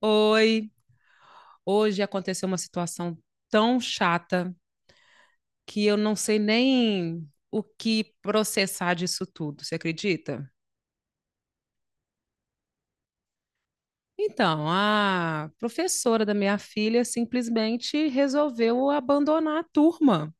Oi, hoje aconteceu uma situação tão chata que eu não sei nem o que processar disso tudo, você acredita? Então, a professora da minha filha simplesmente resolveu abandonar a turma.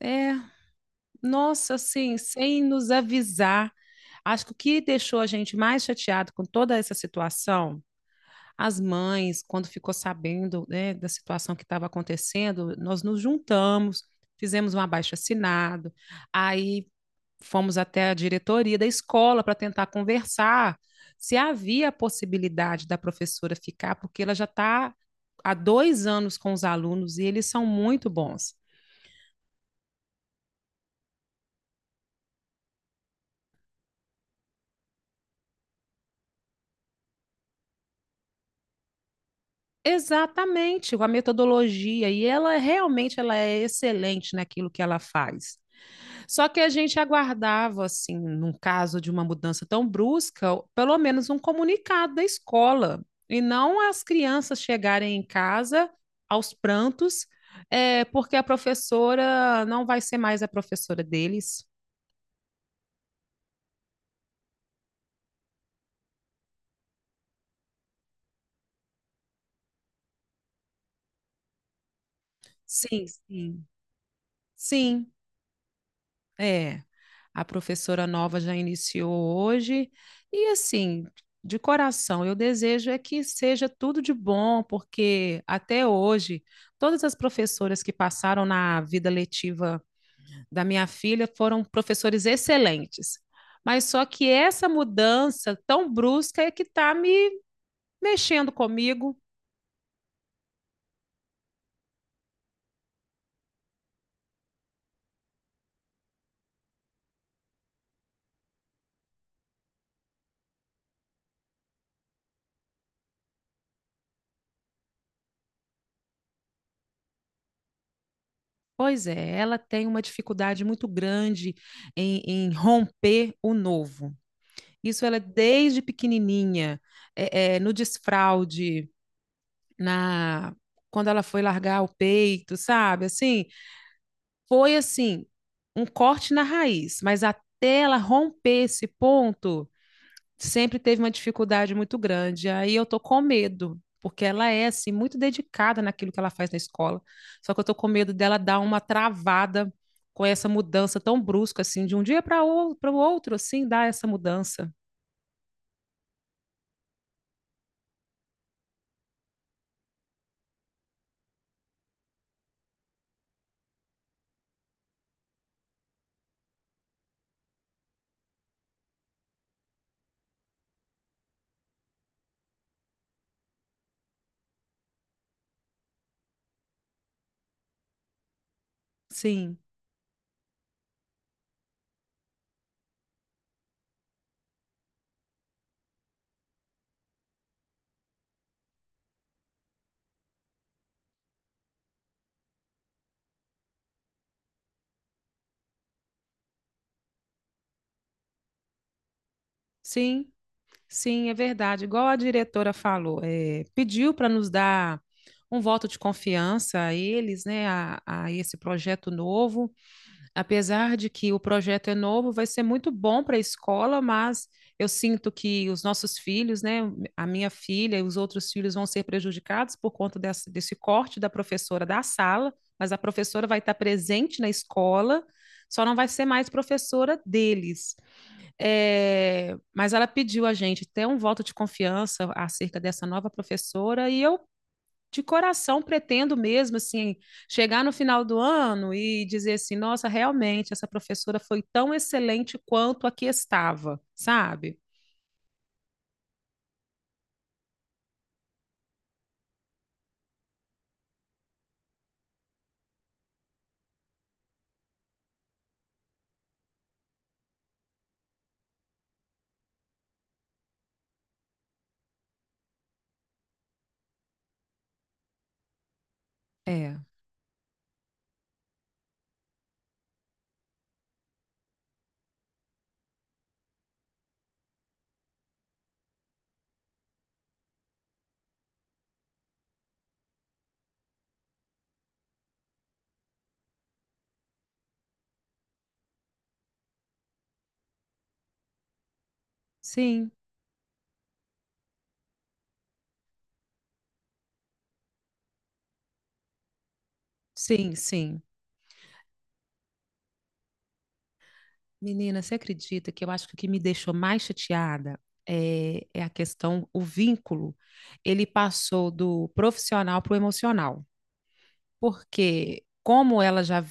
É, nossa, assim, sem nos avisar. Acho que o que deixou a gente mais chateado com toda essa situação as mães, quando ficou sabendo, né, da situação que estava acontecendo, nós nos juntamos, fizemos um abaixo-assinado, aí fomos até a diretoria da escola para tentar conversar se havia a possibilidade da professora ficar, porque ela já está há 2 anos com os alunos e eles são muito bons. Exatamente, com a metodologia, e ela realmente ela é excelente naquilo que ela faz. Só que a gente aguardava, assim, num caso de uma mudança tão brusca, pelo menos um comunicado da escola, e não as crianças chegarem em casa aos prantos, é, porque a professora não vai ser mais a professora deles. Sim, sim. Sim, é, a professora nova já iniciou hoje e assim, de coração, eu desejo é que seja tudo de bom, porque até hoje todas as professoras que passaram na vida letiva da minha filha foram professores excelentes. Mas só que essa mudança tão brusca é que está me mexendo comigo. Pois é, ela tem uma dificuldade muito grande em romper o novo. Isso ela é desde pequenininha, é, é, no desfraude, na quando ela foi largar o peito, sabe? Assim, foi assim um corte na raiz, mas até ela romper esse ponto, sempre teve uma dificuldade muito grande. Aí eu tô com medo, porque ela é assim muito dedicada naquilo que ela faz na escola. Só que eu tô com medo dela dar uma travada com essa mudança tão brusca assim, de um dia para o outro, assim, dar essa mudança. Sim, sim. Sim, é verdade. Igual a diretora falou, é, pediu para nos dar um voto de confiança a eles, né, a esse projeto novo. Apesar de que o projeto é novo, vai ser muito bom para a escola, mas eu sinto que os nossos filhos, né, a minha filha e os outros filhos vão ser prejudicados por conta desse corte da professora da sala, mas a professora vai estar presente na escola, só não vai ser mais professora deles. É, mas ela pediu a gente ter um voto de confiança acerca dessa nova professora e eu de coração pretendo mesmo assim chegar no final do ano e dizer assim, nossa, realmente essa professora foi tão excelente quanto a que estava, sabe? É, sim, sim, sim. Menina, você acredita que eu acho que o que me deixou mais chateada é a questão, o vínculo, ele passou do profissional para o emocional. Porque como ela já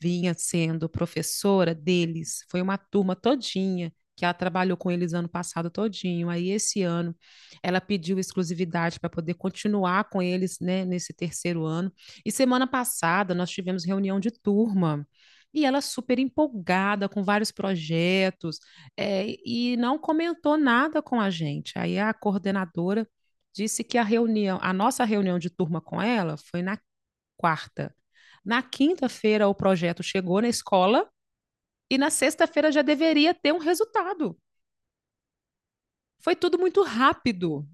vinha sendo professora deles, foi uma turma todinha que ela trabalhou com eles ano passado todinho. Aí esse ano ela pediu exclusividade para poder continuar com eles, né, nesse terceiro ano. E semana passada nós tivemos reunião de turma. E ela super empolgada com vários projetos, é, e não comentou nada com a gente. Aí a coordenadora disse que a reunião, a nossa reunião de turma com ela foi na quarta. Na quinta-feira, o projeto chegou na escola e na sexta-feira já deveria ter um resultado. Foi tudo muito rápido.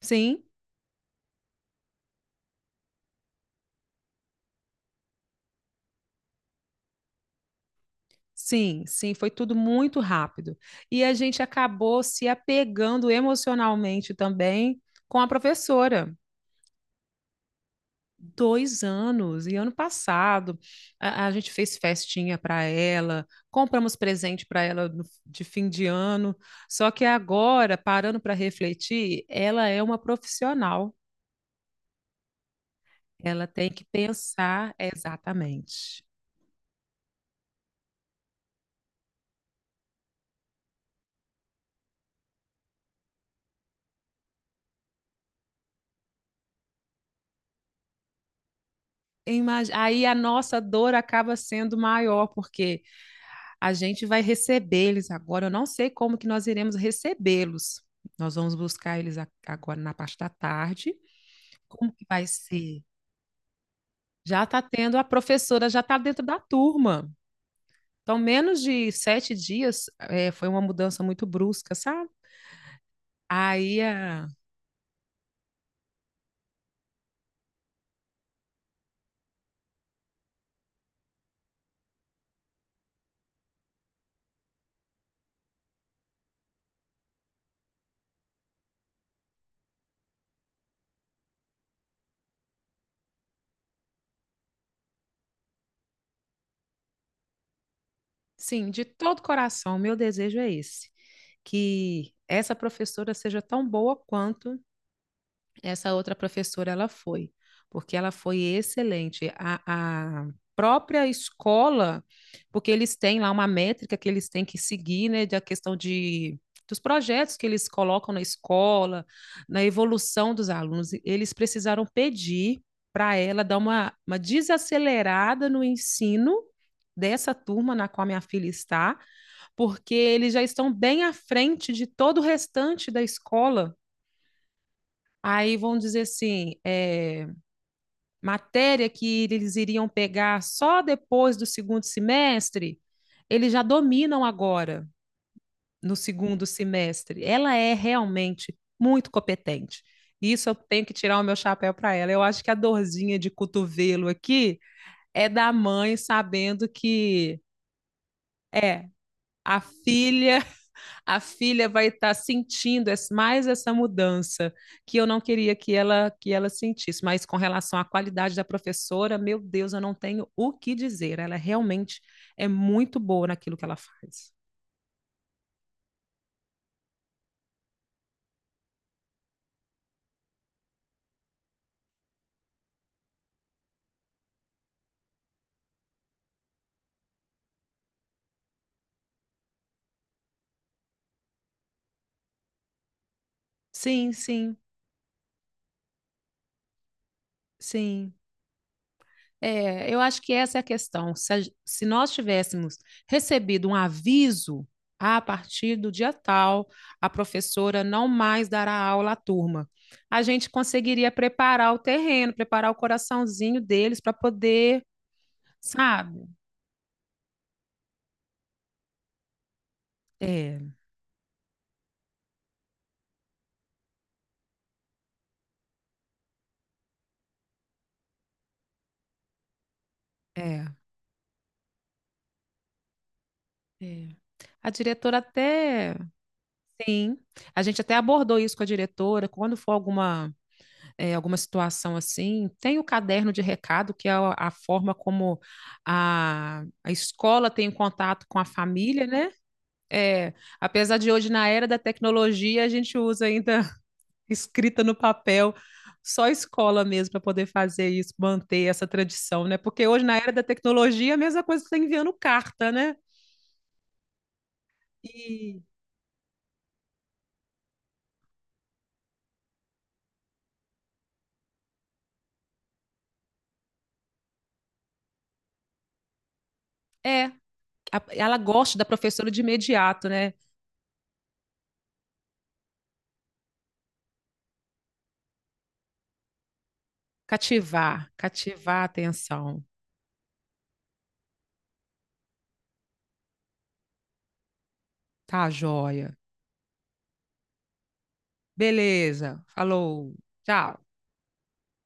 Sim, sim, sim, foi tudo muito rápido. E a gente acabou se apegando emocionalmente também com a professora. Dois anos, e ano passado a gente fez festinha para ela, compramos presente para ela de fim de ano. Só que agora, parando para refletir, ela é uma profissional. Ela tem que pensar exatamente. Aí a nossa dor acaba sendo maior, porque a gente vai receber eles agora. Eu não sei como que nós iremos recebê-los. Nós vamos buscar eles agora na parte da tarde. Como que vai ser? Já está tendo, a professora já está dentro da turma. Então, menos de 7 dias, foi uma mudança muito brusca, sabe? Aí, ah, sim, de todo coração, meu desejo é esse, que essa professora seja tão boa quanto. essa outra professora, ela foi, porque ela foi excelente. A própria escola, porque eles têm lá uma métrica que eles têm que seguir, né, da questão de dos projetos que eles colocam na escola, na evolução dos alunos, eles precisaram pedir para ela dar uma desacelerada no ensino dessa turma na qual minha filha está, porque eles já estão bem à frente de todo o restante da escola. Aí vamos dizer assim, é, matéria que eles iriam pegar só depois do segundo semestre, eles já dominam agora no segundo semestre. Ela é realmente muito competente. Isso eu tenho que tirar o meu chapéu para ela. Eu acho que a dorzinha de cotovelo aqui é da mãe sabendo que é a filha a filha vai estar sentindo mais essa mudança que eu não queria que ela sentisse. Mas com relação à qualidade da professora, meu Deus, eu não tenho o que dizer. Ela realmente é muito boa naquilo que ela faz. Sim, sim, sim. É, eu acho que essa é a questão. Se nós tivéssemos recebido um aviso "Ah, a partir do dia tal, a professora não mais dará aula à turma, a gente conseguiria preparar o terreno, preparar o coraçãozinho deles para poder, sabe? É, é, é. A diretora até, sim, a gente até abordou isso com a diretora, quando for alguma é, alguma situação assim, tem o caderno de recado, que é a forma como a escola tem contato com a família, né? É, apesar de hoje, na era da tecnologia, a gente usa ainda escrita no papel, só a escola mesmo para poder fazer isso, manter essa tradição, né? Porque hoje, na era da tecnologia, é a mesma coisa que você tá enviando carta, né? E é, ela gosta da professora de imediato, né? Cativar, cativar a atenção. Tá, joia. Beleza, falou, tchau.